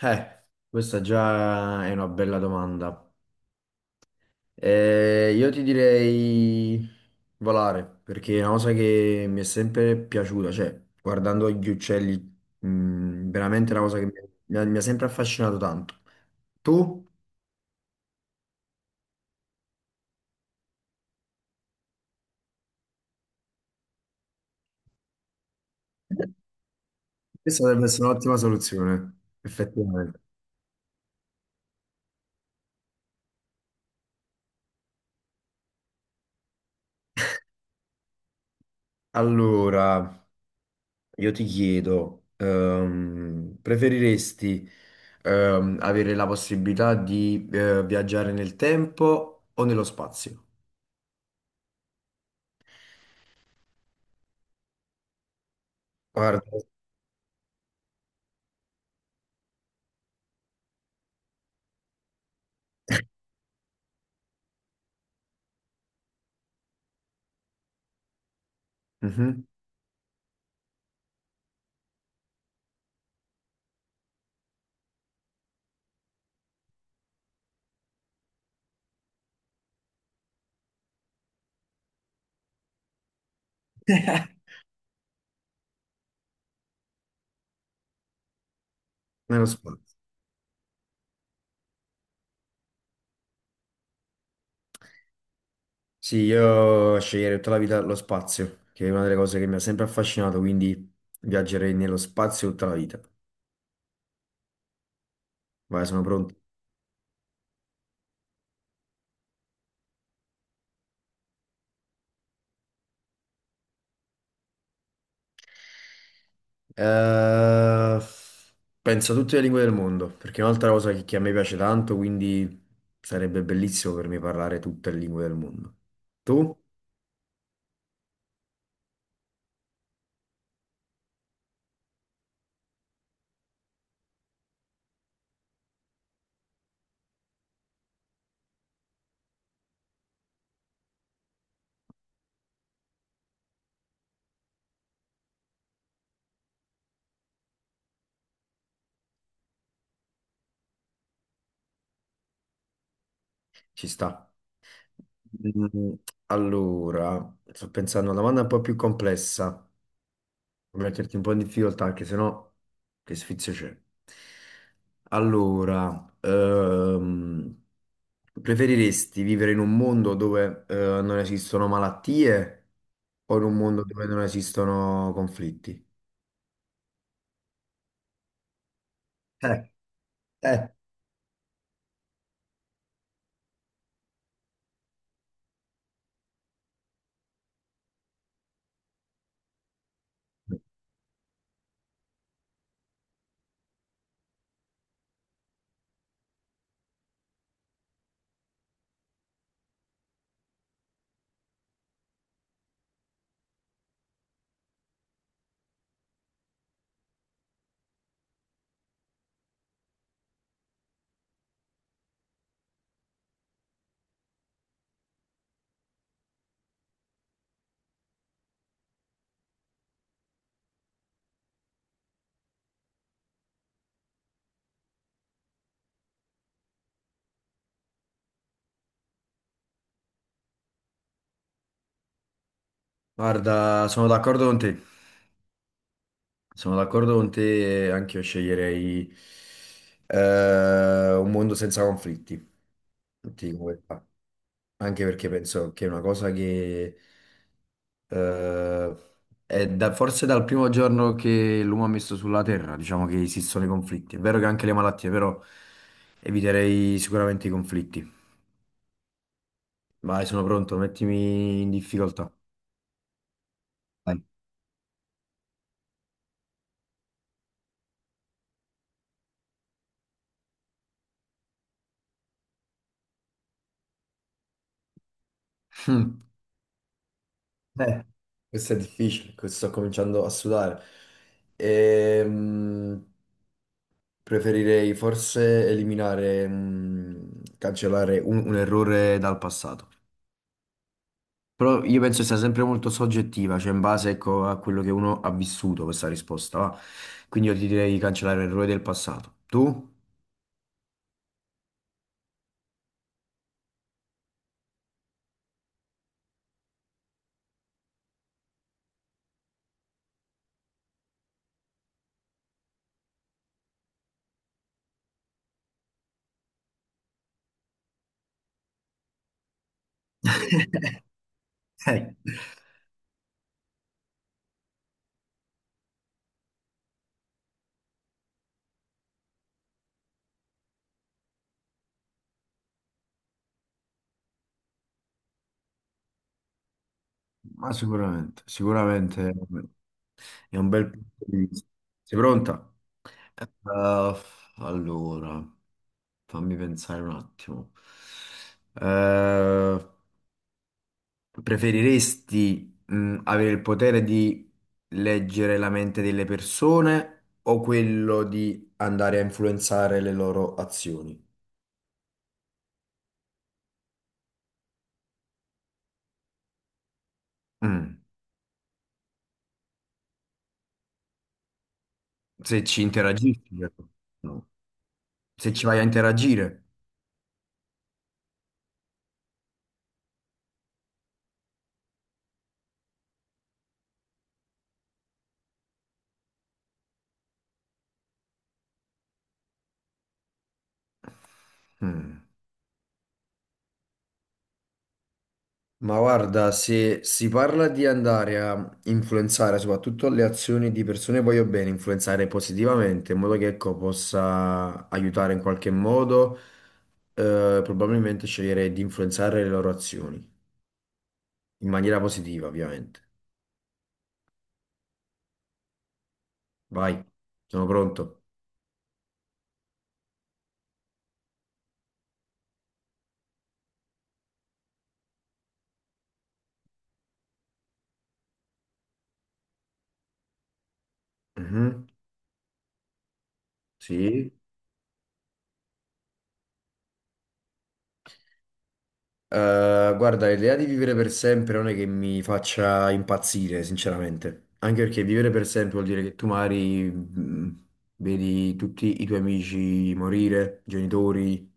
Questa già è una bella domanda. Io ti direi volare, perché è una cosa che mi è sempre piaciuta, cioè guardando gli uccelli, veramente è una cosa che mi ha sempre affascinato tanto. Tu? Questa dovrebbe essere un'ottima soluzione, effettivamente. Allora. Io ti chiedo, preferiresti avere la possibilità di viaggiare nel tempo o nello spazio? Guarda, Mhm. Nello spazio. Sì, io sceglierei tutta la vita lo spazio, che è una delle cose che mi ha sempre affascinato, quindi viaggerei nello spazio tutta la vita. Vai, sono pronto. Eh, Penso a tutte le lingue del mondo, perché è un'altra cosa che a me piace tanto, quindi sarebbe bellissimo per me parlare tutte le lingue del mondo. Tu? Ci sta. Mm. Allora, sto pensando a una domanda un po' più complessa. Per metterti un po' in difficoltà, perché sennò che sfizio c'è. Allora, preferiresti vivere in un mondo dove non esistono malattie o in un mondo dove non esistono conflitti? Eh, eh. Guarda, sono d'accordo con te. Sono d'accordo con te, anche io sceglierei un mondo senza conflitti, ti dico la verità. Anche perché penso che è una cosa che Eh, è forse dal primo giorno che l'uomo ha messo sulla Terra, diciamo che esistono i conflitti. È vero che anche le malattie, però eviterei sicuramente i conflitti. Vai, sono pronto, mettimi in difficoltà. Vai. Mm. Eh, Questo è difficile, questo sto cominciando a sudare. Ehm, preferirei forse cancellare un errore dal passato. Però io penso sia sempre molto soggettiva, cioè in base, ecco, a quello che uno ha vissuto questa risposta, va. Quindi io ti direi di cancellare l'errore del passato. Tu? Eh, Ma sicuramente, sicuramente è un bel punto di vista. Sei pronta? Eh, allora, fammi pensare un attimo. Eh, Preferiresti, avere il potere di leggere la mente delle persone o quello di andare a influenzare le loro azioni? Mm. Se ci interagisci, però. No. Se ci vai a interagire. Mm. Ma guarda, se si parla di andare a influenzare soprattutto le azioni di persone voglio bene, influenzare positivamente in modo che ecco, possa aiutare in qualche modo, probabilmente sceglierei di influenzare le loro azioni. In maniera positiva, ovviamente. Vai, sono pronto. Mhm. Sì. Guarda, l'idea di vivere per sempre non è che mi faccia impazzire, sinceramente. Anche perché vivere per sempre vuol dire che tu magari vedi tutti i tuoi amici morire, genitori,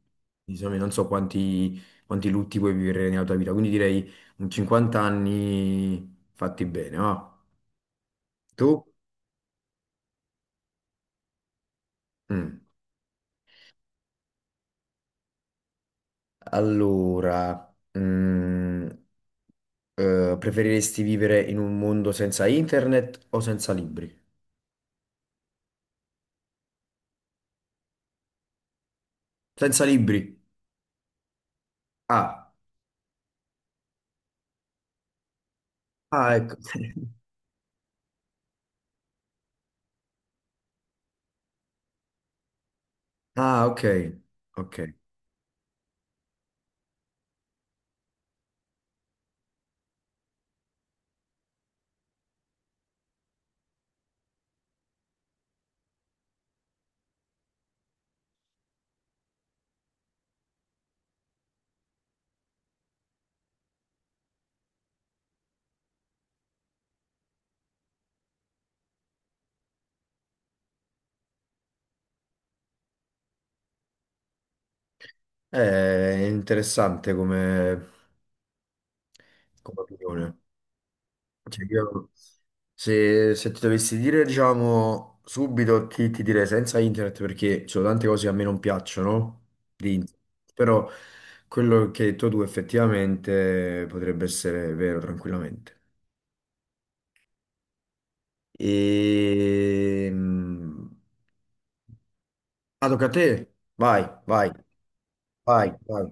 insomma, non so quanti, quanti lutti puoi vivere nella tua vita. Quindi direi un 50 anni fatti bene, no? Tu? Mm. Allora, mm, preferiresti vivere in un mondo senza internet o senza libri? Senza libri. Ah, ah, ecco. Ah, ok. Ok. È interessante come, come opinione. Cioè, io, se, se ti dovessi dire, diciamo, subito ti direi senza internet perché ci sono tante cose che a me non piacciono di internet. Però quello che hai detto tu effettivamente potrebbe essere vero tranquillamente. E... Ah, tocca a te. Vai, vai, vai, vai.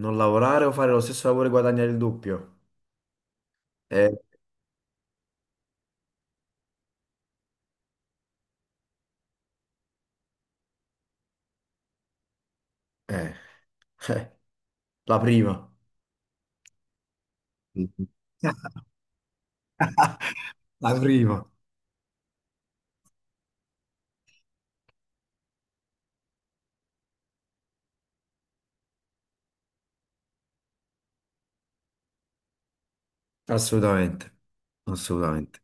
Non lavorare o fare lo stesso lavoro e guadagnare il doppio? Eh, eh, eh, la prima. Mhm. La prima. Assolutamente, assolutamente.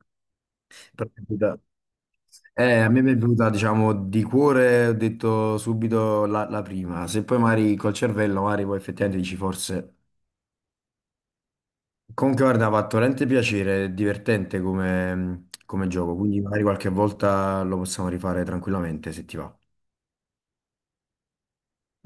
Però a me mi è venuta, diciamo, di cuore, ho detto subito la prima. Se poi magari col cervello, magari poi effettivamente dici forse comunque, guarda, mi ha fatto veramente piacere, è divertente come, come gioco, quindi magari qualche volta lo possiamo rifare tranquillamente se ti va.